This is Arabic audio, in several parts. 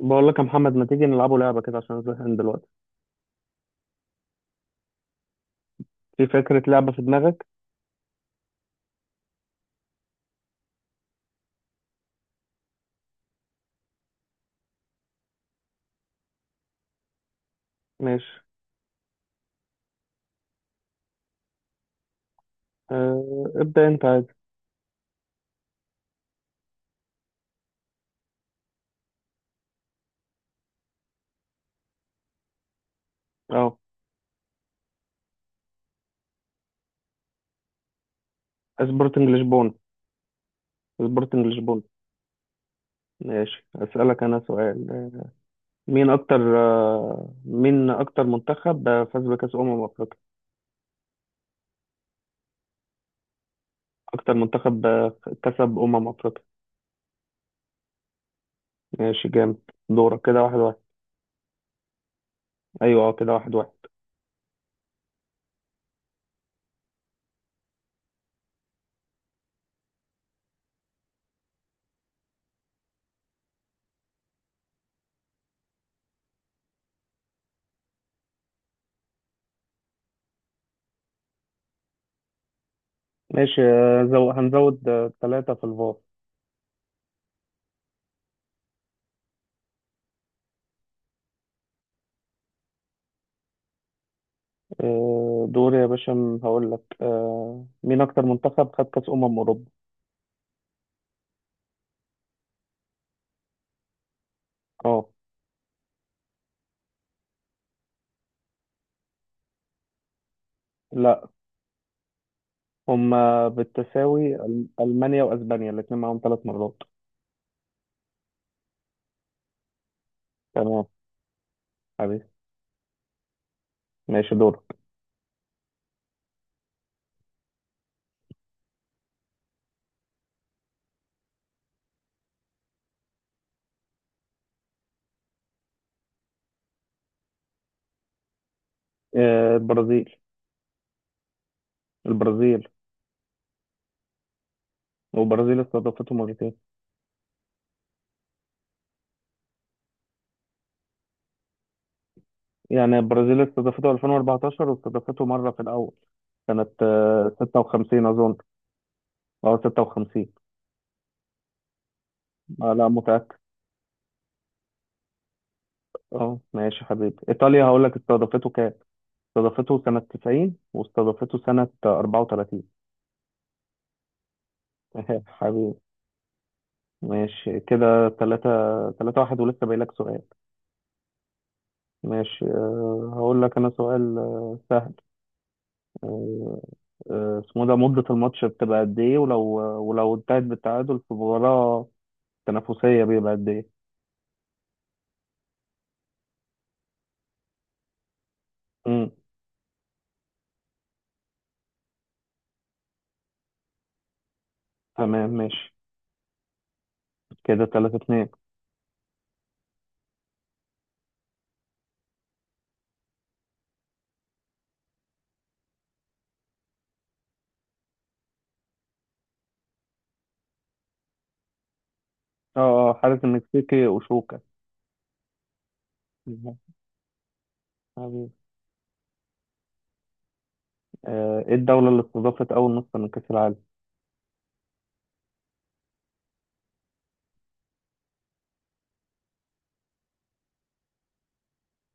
بقول لك يا محمد ما تيجي نلعبوا لعبة كده عشان زهقان دلوقتي. في فكرة لعبة في دماغك؟ ماشي، أه ابدأ انت عادي. اه، سبورتنج لشبونة. سبورتنج لشبونة. ماشي أسألك أنا سؤال. مين أكتر آه، مين أكتر منتخب فاز بكأس أمم أفريقيا؟ أكتر منتخب كسب أمم أفريقيا. ماشي جامد، دورك، كده واحد واحد. أيوه اه كده واحد واحد. ماشي هنزود ثلاثة في الفار. دوري يا باشا، هقول لك مين أكتر منتخب خد كأس أمم أوروبا؟ اه لا، هما بالتساوي ألمانيا وأسبانيا الاتنين معاهم ثلاث مرات. تمام حبيبي. ماشي دورك. آه، البرازيل. البرازيل. والبرازيل استضافته مرتين، يعني البرازيل استضافته 2014 واستضافته مرة في الأول، كانت 56 أظن. أه 56. آه لا، متأكد. أه ماشي حبيبي، إيطاليا هقول لك استضافته كام. استضافته سنة 90 واستضافته سنة 34. حبيبي. ماشي كده 3. 3-1 ولسه باقي لك سؤال. ماشي هقول لك انا سؤال سهل. آه، اسمه ده مدة الماتش بتبقى قد ايه، ولو ولو انتهت بالتعادل في مباراة تنافسية بيبقى قد ايه؟ امم تمام ماشي كده 3-2. اه اه حارس المكسيكي اوشوكا مهم. حبيبي. ايه الدولة اللي استضافت اول نسخة من كأس العالم؟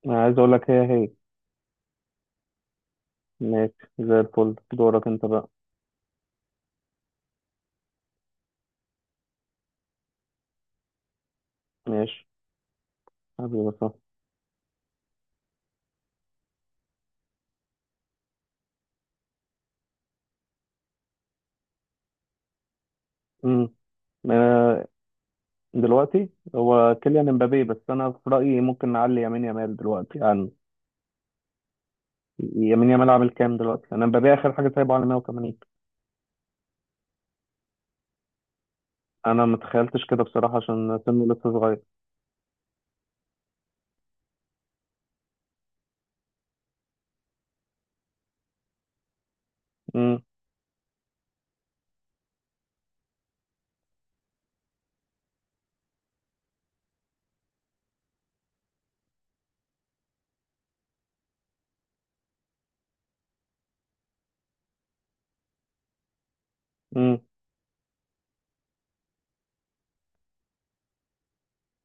انا عايز اقول لك هي هي. ماشي زي الفل، دورك انت بقى. ماشي حبيبي صح. امم دلوقتي هو كيليان امبابي، بس انا في رايي ممكن نعلي يمين يامال دلوقتي عن. يمين يامال عامل كام دلوقتي؟ انا امبابي اخر حاجه سايبه على 180. انا ما تخيلتش كده بصراحه، عشان سنه لسه صغير. امم امم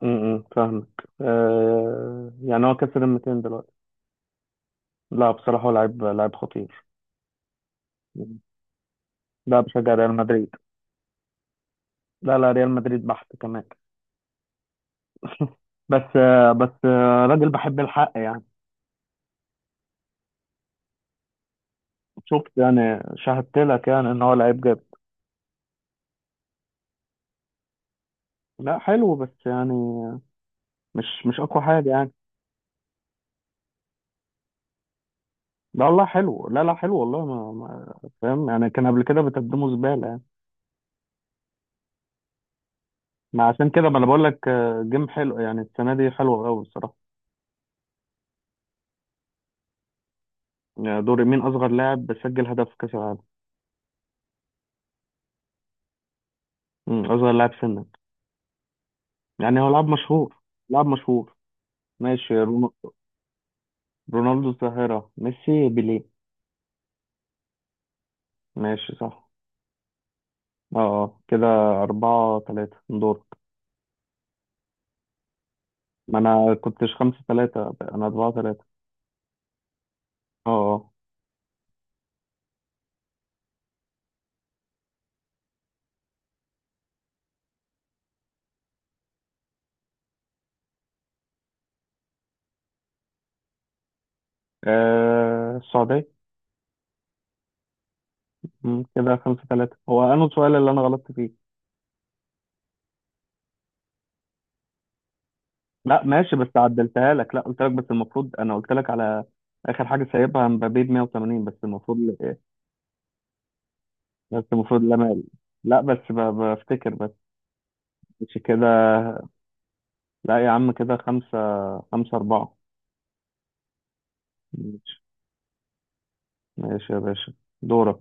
فاهمك. آه يعني هو كسر ال 200 دلوقتي. لا بصراحه هو لعيب لعيب خطير. مم. لا بشجع ريال مدريد. لا لا ريال مدريد بحت كمان. بس بس راجل بحب الحق يعني. شفت يعني، شاهدت لك يعني ان هو لعيب جامد. لا حلو بس يعني مش اقوى حاجه يعني. ده والله حلو، لا لا حلو والله ما فاهم يعني، كان قبل كده بتقدموا زباله يعني. ما عشان كده ما انا بقول لك جيم حلو يعني، السنه دي حلوه قوي الصراحه. يعني دوري، مين اصغر لاعب سجل هدف في كاس العالم؟ اصغر لاعب سنا. يعني هو لاعب مشهور، لاعب مشهور. ماشي رونالدو الظاهره، ميسي، بيليه. ماشي صح. اه كده أربعة تلاتة، دور. ما أنا كنتش خمسة تلاتة، أنا أربعة تلاتة. اه اه السعودية. كده خمسة ثلاثة هو، أنا السؤال اللي أنا غلطت فيه. لا ماشي بس عدلتها لك، لا قلت لك، بس المفروض أنا قلت لك على آخر حاجة سايبها مبابي ب 180، بس المفروض. بس المفروض لامال. لا بس بفتكر بس مش كده. لا يا عم، كده خمسة. خمسة أربعة. ماشي. ماشي يا باشا. دورك.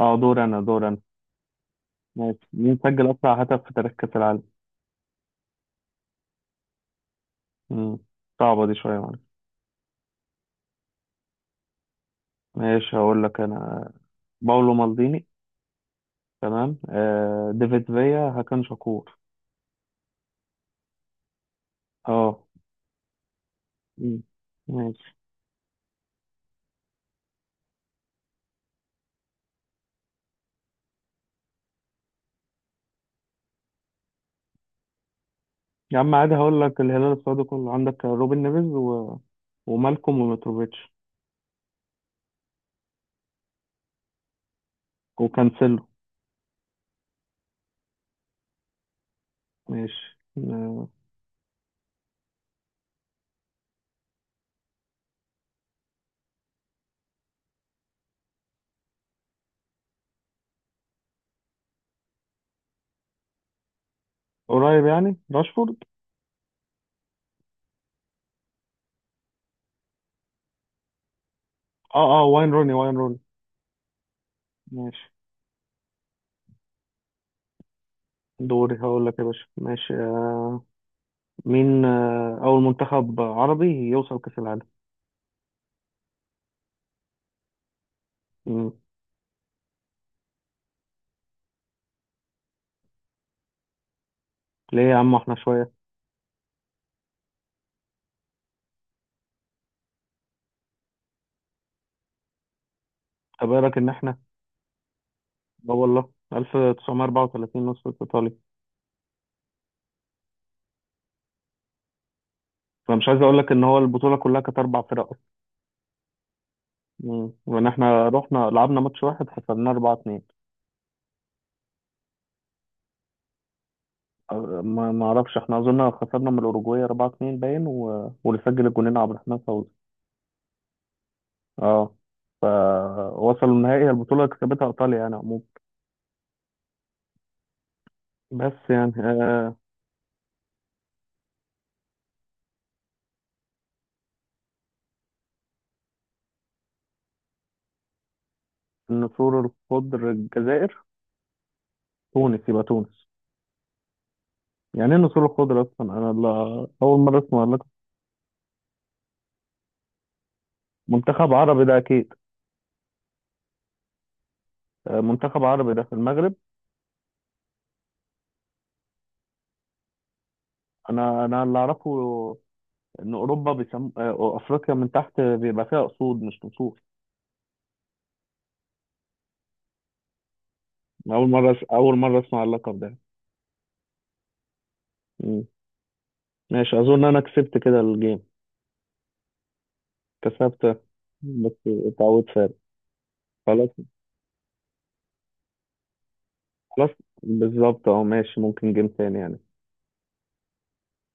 أه دور أنا، دور أنا. ماشي مين سجل أسرع هدف في تاريخ كأس العالم؟ مم، صعبة دي شوية معلش. ماشي هقول لك أنا، باولو مالديني، تمام آه، ديفيد فيا، هاكان شاكور. اه. مم. ماشي يا عم عادي، هقول لك الهلال السعودي كله عندك، روبن نيفيز ومالكوم وميتروفيتش وكانسيلو. ماشي قريب يعني، راشفورد. اه اه، واين روني. ماشي. دوري هقول لك يا باشا، ماشي آه، مين اول منتخب عربي يوصل كأس العالم؟ مم. ليه يا عم احنا شويه؟ طب ايه رايك ان احنا اه والله 1934 نصف ايطاليا. فمش عايز اقول لك ان هو البطوله كلها كانت اربع فرق. مم. وان احنا رحنا لعبنا ماتش واحد خسرناه 4-2. ما اعرفش، احنا اظن خسرنا من الاوروجواي 4-2 باين، واللي سجل الجونين عبد الرحمن فوزي. اه. فوصلوا النهائي البطوله اللي كسبتها ايطاليا يعني عموما، بس يعني آه، النسور الخضر، الجزائر. تونس، يبقى تونس. يعني ايه النسور الخضر اصلا، انا لا... اول مره اسمع لك. منتخب عربي ده اكيد. آه منتخب عربي ده، في المغرب. انا اللي اعرفه ان اوروبا بيسم... آه، افريقيا من تحت بيبقى فيها اسود مش نسور. اول مره اول مره اسمع اللقب ده. مم. ماشي اظن انا كسبت كده الجيم. كسبت بس اتعودت فارق. خلاص. خلاص. بالظبط اه، ماشي ممكن جيم تاني يعني.